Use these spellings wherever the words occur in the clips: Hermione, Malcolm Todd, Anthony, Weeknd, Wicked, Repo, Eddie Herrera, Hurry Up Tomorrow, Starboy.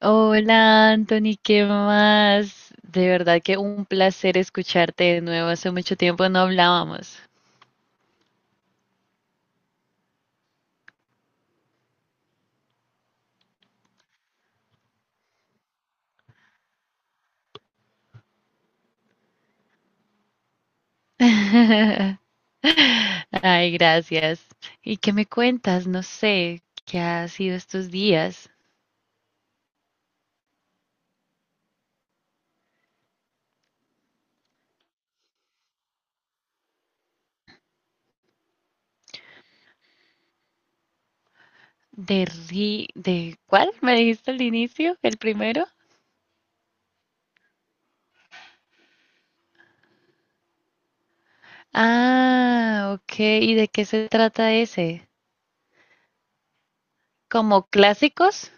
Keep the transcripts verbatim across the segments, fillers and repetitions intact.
Hola Anthony, ¿qué más? De verdad que un placer escucharte de nuevo. Hace mucho tiempo no hablábamos. Ay, gracias. ¿Y qué me cuentas? No sé, ¿qué ha sido estos días? ¿De ri... ¿De cuál? ¿Me dijiste al inicio? ¿El primero? Ah, ok. ¿Y de qué se trata ese? ¿Como clásicos?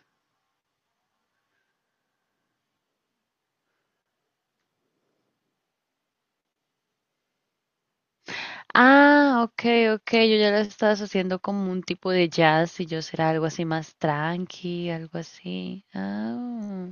Ah, ok, ok, yo ya la estaba haciendo como un tipo de jazz y yo será algo así más tranqui, algo así. Ah,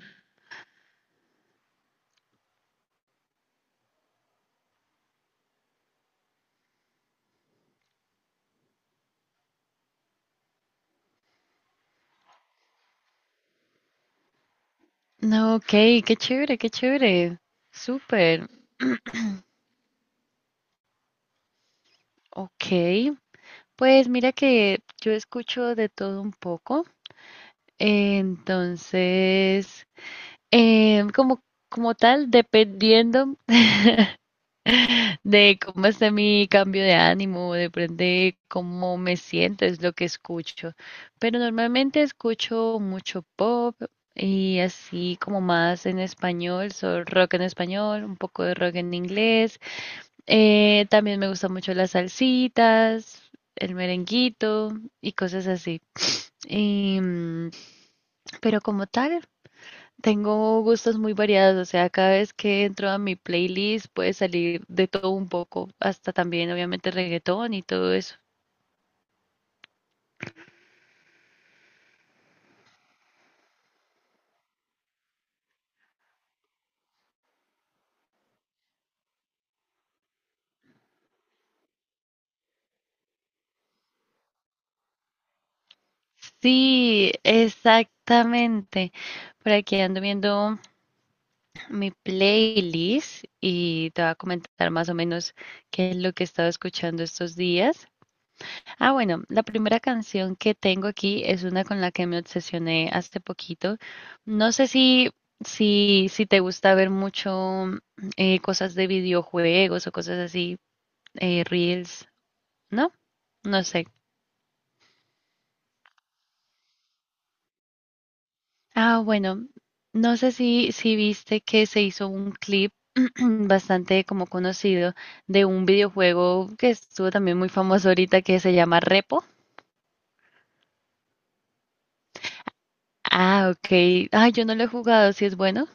no, ok, qué chévere, qué chévere. Súper, ok. Pues mira que yo escucho de todo un poco, entonces, em, como, como tal, dependiendo de cómo está mi cambio de ánimo, depende de cómo me siento, es lo que escucho. Pero normalmente escucho mucho pop y así como más en español, so- rock en español, un poco de rock en inglés. Eh, también me gustan mucho las salsitas, el merenguito y cosas así. Y, mm, pero como tal, tengo gustos muy variados, o sea, cada vez que entro a mi playlist puede salir de todo un poco, hasta también obviamente reggaetón y todo eso. Sí, exactamente. Por aquí ando viendo mi playlist y te voy a comentar más o menos qué es lo que he estado escuchando estos días. Ah, bueno, la primera canción que tengo aquí es una con la que me obsesioné hace poquito. No sé si, si, si te gusta ver mucho eh, cosas de videojuegos o cosas así, eh, reels, ¿no? No sé. Ah, bueno, no sé si, si viste que se hizo un clip bastante como conocido de un videojuego que estuvo también muy famoso ahorita que se llama Repo. Ah, ok. Ah, yo no lo he jugado, si es bueno.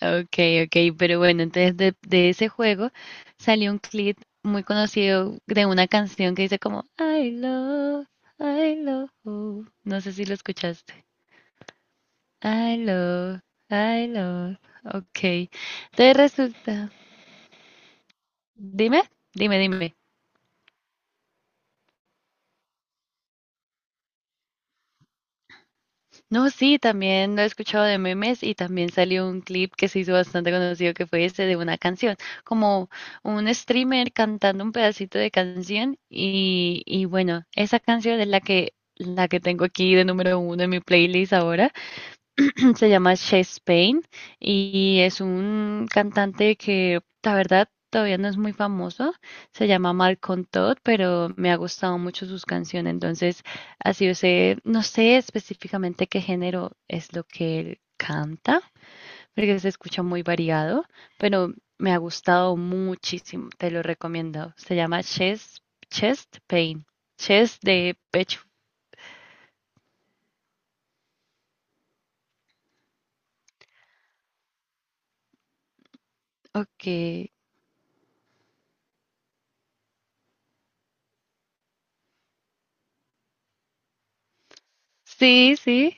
Okay, okay, pero bueno, entonces de, de ese juego salió un clip muy conocido de una canción que dice como I love, I love, you". No sé si lo escuchaste. I love, I love, okay. Entonces resulta, dime, dime, dime. No, sí, también lo he escuchado de memes y también salió un clip que se hizo bastante conocido que fue ese de una canción, como un streamer cantando un pedacito de canción y, y bueno, esa canción es la que, la que tengo aquí de número uno en mi playlist ahora. Se llama Chest Pain y es un cantante que, la verdad, todavía no es muy famoso. Se llama Malcolm Todd, pero me ha gustado mucho sus canciones. Entonces, así yo sé, no sé específicamente qué género es lo que él canta, porque se escucha muy variado, pero me ha gustado muchísimo. Te lo recomiendo. Se llama Chest, Chest Pain, Chest de pecho. Ok. Sí, sí.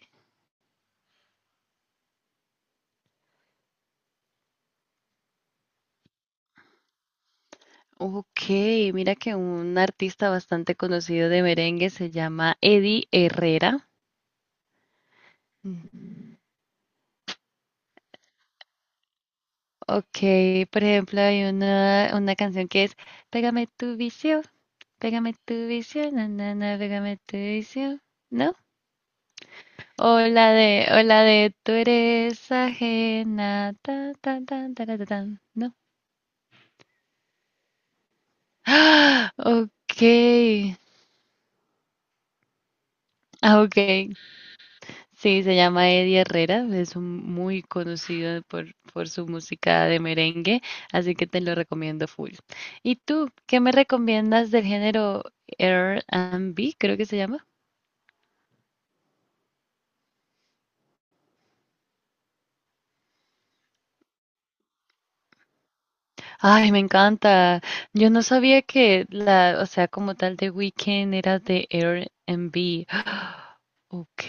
Ok, mira que un artista bastante conocido de merengue se llama Eddie Herrera. Mm. Ok, por ejemplo, hay una, una canción que es Pégame tu vicio, pégame tu vicio, na, na, na, pégame tu vicio, ¿no? O la de, o la de Tú eres ajena, ta, ta, ta, ta, ta, ta, ta, ¿no? ¡Ah! Ok, ah, ok, sí, se llama Eddie Herrera, es un- muy conocido por, por su música de merengue, así que te lo recomiendo full. ¿Y tú, qué me recomiendas del género R and B, creo que se llama? Ay, me encanta. Yo no sabía que la, o sea, como tal de Weeknd era de R and B. Ok.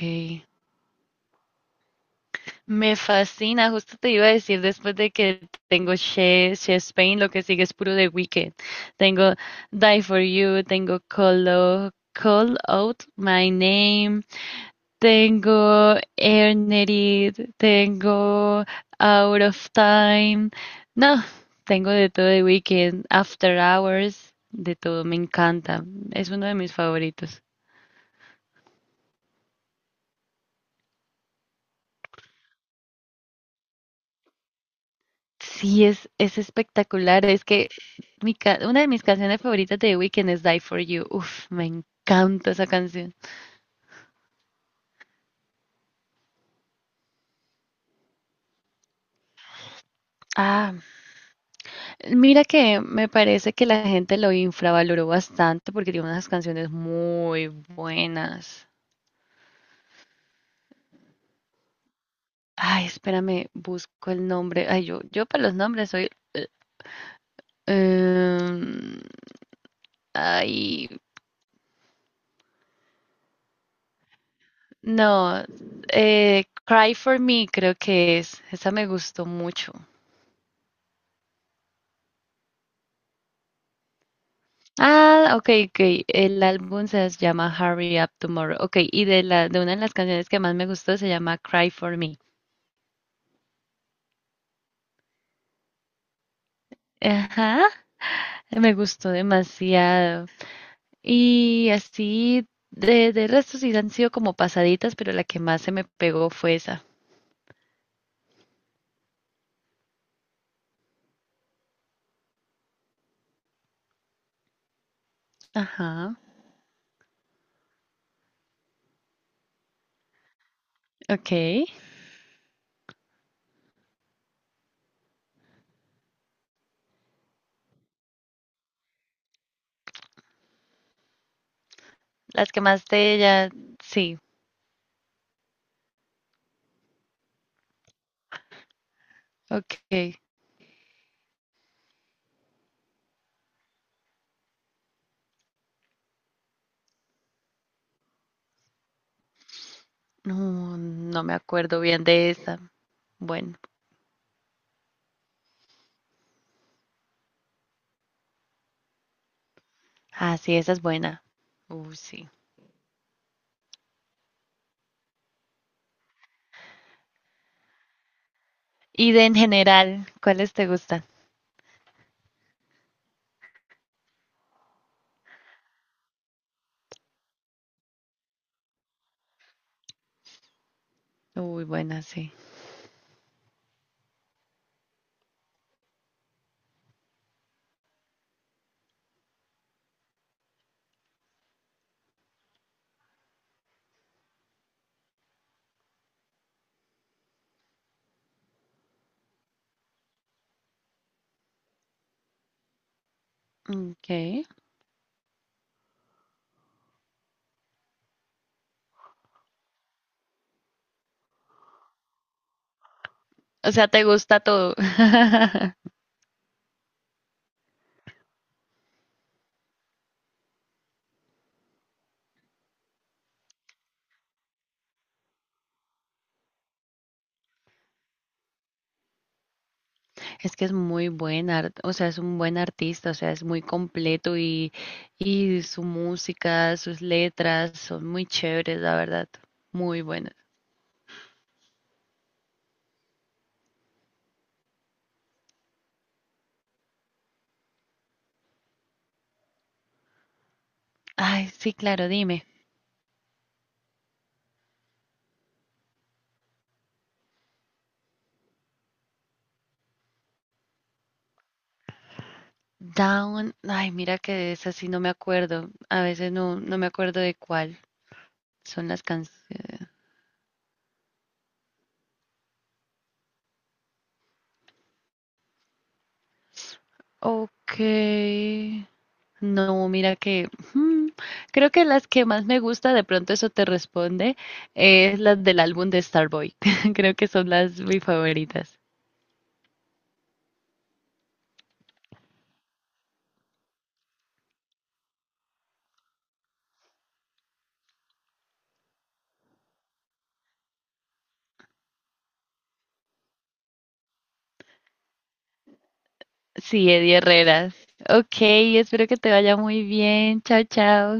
Me fascina, justo te iba a decir después de que tengo She, She Spain, lo que sigue es puro de Wicked. Tengo Die For You, tengo Call Out, Call Out My Name, tengo Earned, tengo Out of Time. No, tengo de todo de Wicked, After Hours, de todo, me encanta. Es uno de mis favoritos. Sí, es, es espectacular. Es que mi ca- una de mis canciones favoritas de The Weeknd es Die For You. Uf, me encanta esa canción. Ah, mira que me parece que la gente lo infravaloró bastante porque tiene unas canciones muy buenas. Ay, espérame, busco el nombre. Ay, yo, yo para los nombres soy... eh, em, ay, no. eh, Cry For Me creo que es. Esa me gustó mucho. Ah, ok, ok. El álbum se llama Hurry Up Tomorrow. Ok, y de la, de una de las canciones que más me gustó se llama Cry for Me. Ajá, me gustó demasiado. Y así, de, de resto sí han sido como pasaditas, pero la que más se me pegó fue esa. Ajá, ok. Las que más de ella, sí, ok. No, no me acuerdo bien de esa. Bueno, ah, sí, esa es buena. Uh, sí. Y de en general, ¿cuáles te gustan? Uy, buena, sí. Okay. O sea, te gusta todo. Es que es muy buen ar- o sea, es un buen artista, o sea, es muy completo y, y su música, sus letras son muy chéveres, la verdad. Muy buenas. Ay, sí, claro, dime. Down, ay, mira que de esa sí no me acuerdo. A veces no, no me acuerdo de cuál son las canciones. Ok. No, mira que mm, creo que las que más me gusta, de pronto eso te responde, es las del álbum de Starboy. Creo que son las mis favoritas. Sí, Eddie Herreras. Ok, espero que te vaya muy bien. Chao, chao.